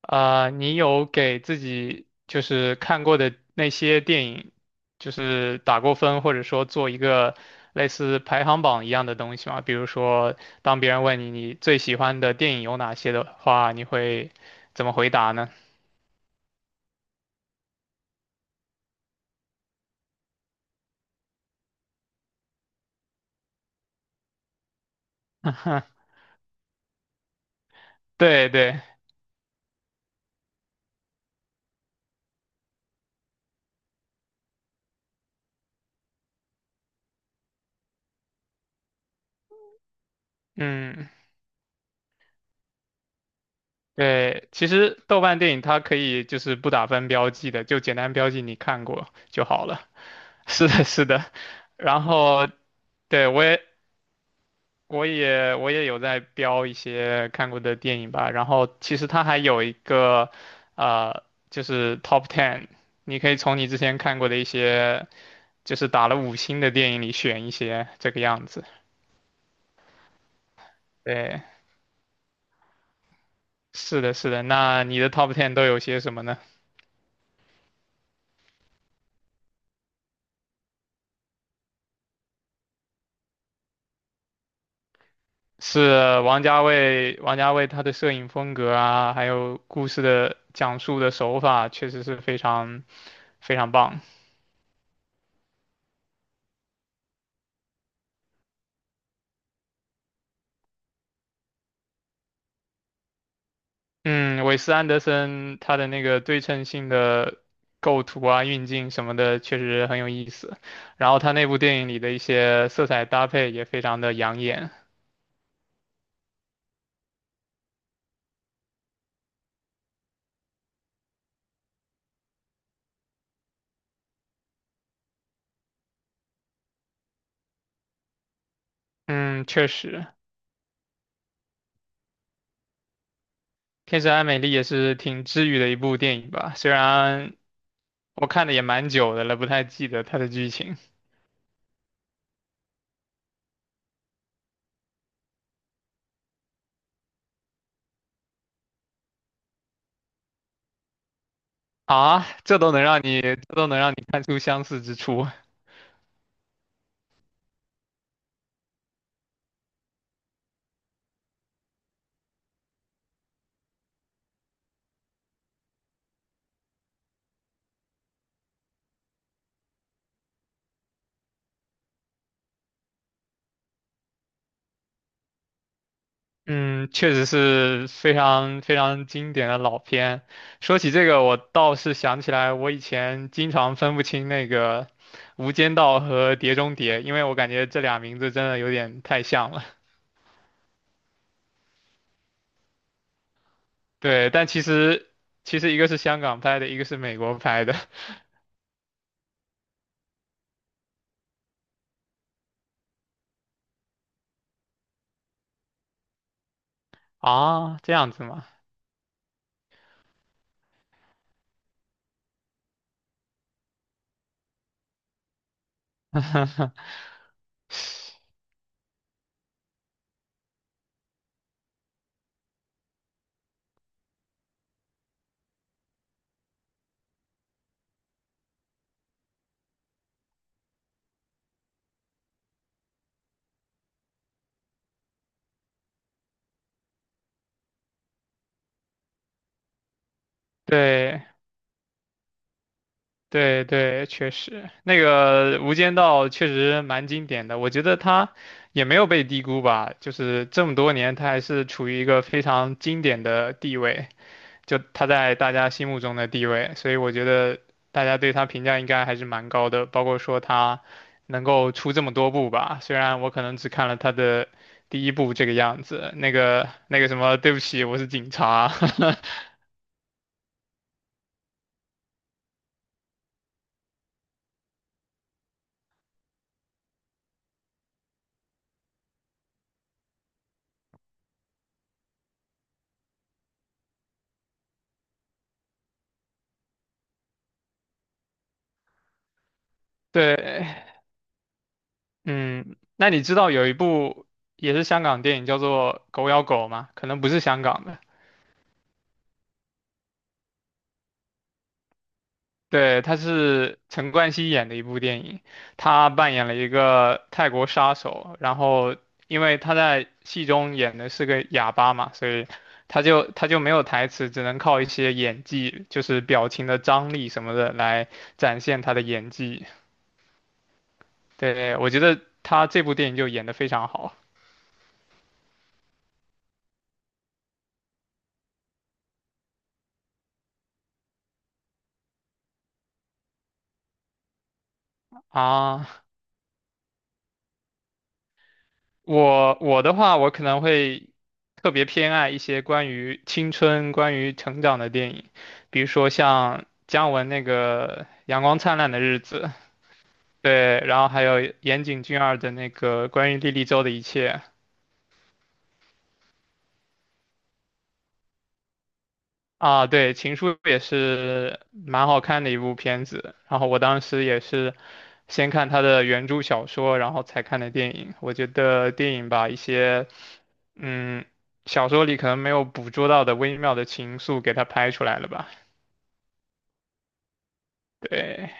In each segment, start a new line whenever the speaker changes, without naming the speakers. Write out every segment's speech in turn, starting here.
啊、你有给自己看过的那些电影，打过分，或者说做一个类似排行榜一样的东西吗？比如说，当别人问你最喜欢的电影有哪些的话，你会怎么回答呢？对对，嗯，对，其实豆瓣电影它可以不打分标记的，就简单标记你看过就好了。是的，是的，然后对我也有在标一些看过的电影吧，然后其实它还有一个，呃，就是 Top Ten，你可以从你之前看过的一些，就是打了5星的电影里选一些，这个样子。对，是的，是的。那你的 Top Ten 都有些什么呢？是王家卫，王家卫他的摄影风格啊，还有故事的讲述的手法，确实是非常非常棒。嗯，韦斯安德森他的那个对称性的构图啊、运镜什么的，确实很有意思。然后他那部电影里的一些色彩搭配也非常的养眼。嗯，确实，《天使爱美丽》也是挺治愈的一部电影吧。虽然我看的也蛮久的了，不太记得它的剧情啊，这都能让你，这都能让你看出相似之处。嗯，确实是非常非常经典的老片。说起这个，我倒是想起来，我以前经常分不清那个《无间道》和《碟中谍》，因为我感觉这俩名字真的有点太像了。对，但其实一个是香港拍的，一个是美国拍的。 啊，这样子吗？对，对对，确实，那个《无间道》确实蛮经典的，我觉得他也没有被低估吧，就是这么多年，他还是处于一个非常经典的地位，就他在大家心目中的地位，所以我觉得大家对他评价应该还是蛮高的，包括说他能够出这么多部吧，虽然我可能只看了他的第一部这个样子，那个什么，对不起，我是警察。对。嗯，那你知道有一部也是香港电影叫做《狗咬狗》吗？可能不是香港的，对，它是陈冠希演的一部电影，他扮演了一个泰国杀手，然后因为他在戏中演的是个哑巴嘛，所以他就没有台词，只能靠一些演技，就是表情的张力什么的来展现他的演技。对，我觉得他这部电影就演得非常好啊。我的话，我可能会特别偏爱一些关于青春、关于成长的电影，比如说像姜文那个《阳光灿烂的日子》，对，然后还有岩井俊二的那个关于莉莉周的一切啊，对，《情书》也是蛮好看的一部片子，然后我当时也是先看他的原著小说，然后才看的电影。我觉得电影把一些。嗯，小说里可能没有捕捉到的微妙的情愫给它拍出来了吧？对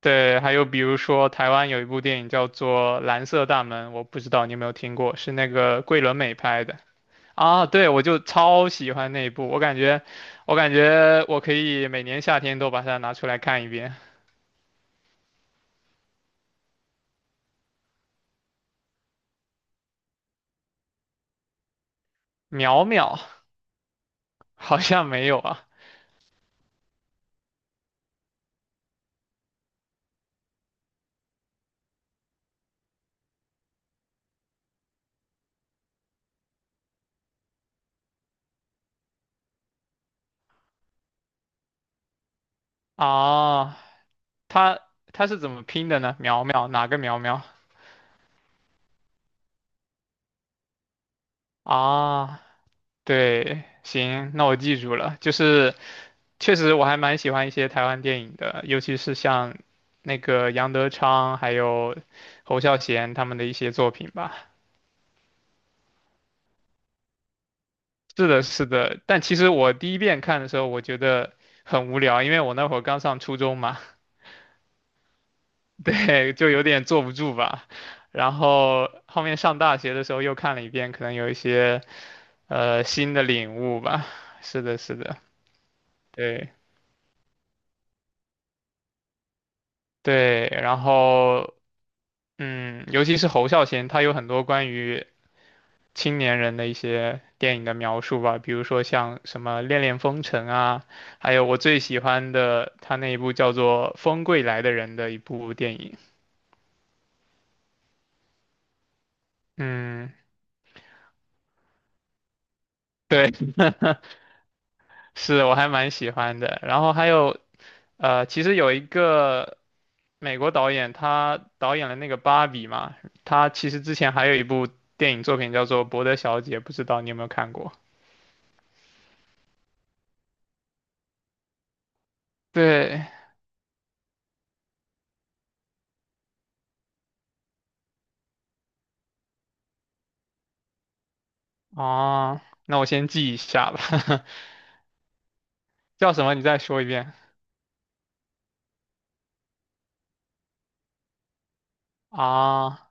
对，还有比如说台湾有一部电影叫做《蓝色大门》，我不知道你有没有听过，是那个桂纶镁拍的啊。对，我就超喜欢那一部，我感觉我可以每年夏天都把它拿出来看一遍。苗苗好像没有啊啊，它它是怎么拼的呢？苗苗哪个苗苗啊？对，行，那我记住了。就是确实我还蛮喜欢一些台湾电影的，尤其是像那个杨德昌还有侯孝贤他们的一些作品吧。是的，是的。但其实我第一遍看的时候，我觉得很无聊，因为我那会儿刚上初中嘛。对，就有点坐不住吧。然后后面上大学的时候又看了一遍，可能有一些新的领悟吧。是的，是的，对对。然后嗯，尤其是侯孝贤，他有很多关于青年人的一些电影的描述吧，比如说像什么《恋恋风尘》啊，还有我最喜欢的他那一部叫做《风归来的人》的一部电影。嗯，对，是我还蛮喜欢的。然后还有其实有一个美国导演，他导演了那个《芭比》嘛，他其实之前还有一部电影作品叫做《伯德小姐》，不知道你有没有看过？对，啊，那我先记一下吧。叫什么？你再说一遍啊。哦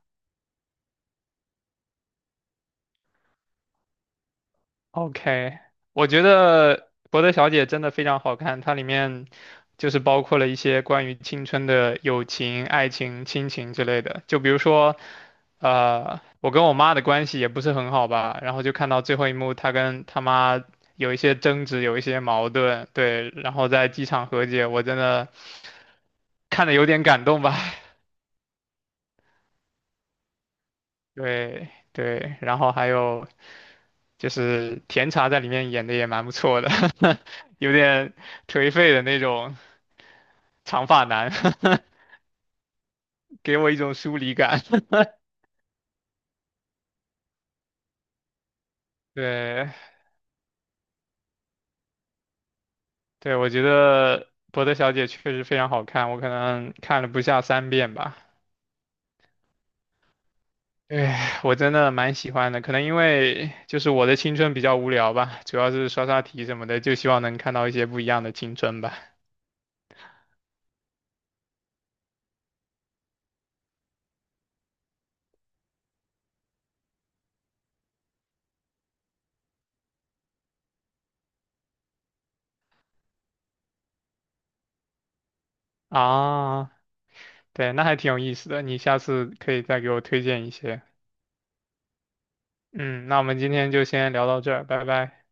OK，我觉得《伯德小姐》真的非常好看，它里面就是包括了一些关于青春的友情、爱情、亲情之类的。就比如说，我跟我妈的关系也不是很好吧，然后就看到最后一幕，她跟她妈有一些争执，有一些矛盾，对，然后在机场和解，我真的看的有点感动吧。对对，然后还有就是甜茶在里面演的也蛮不错的，有点颓废的那种长发男。给我一种疏离感。对对，我觉得博德小姐确实非常好看，我可能看了不下3遍吧。哎，我真的蛮喜欢的，可能因为就是我的青春比较无聊吧，主要是刷刷题什么的，就希望能看到一些不一样的青春吧。啊，对，那还挺有意思的，你下次可以再给我推荐一些。嗯，那我们今天就先聊到这儿，拜拜。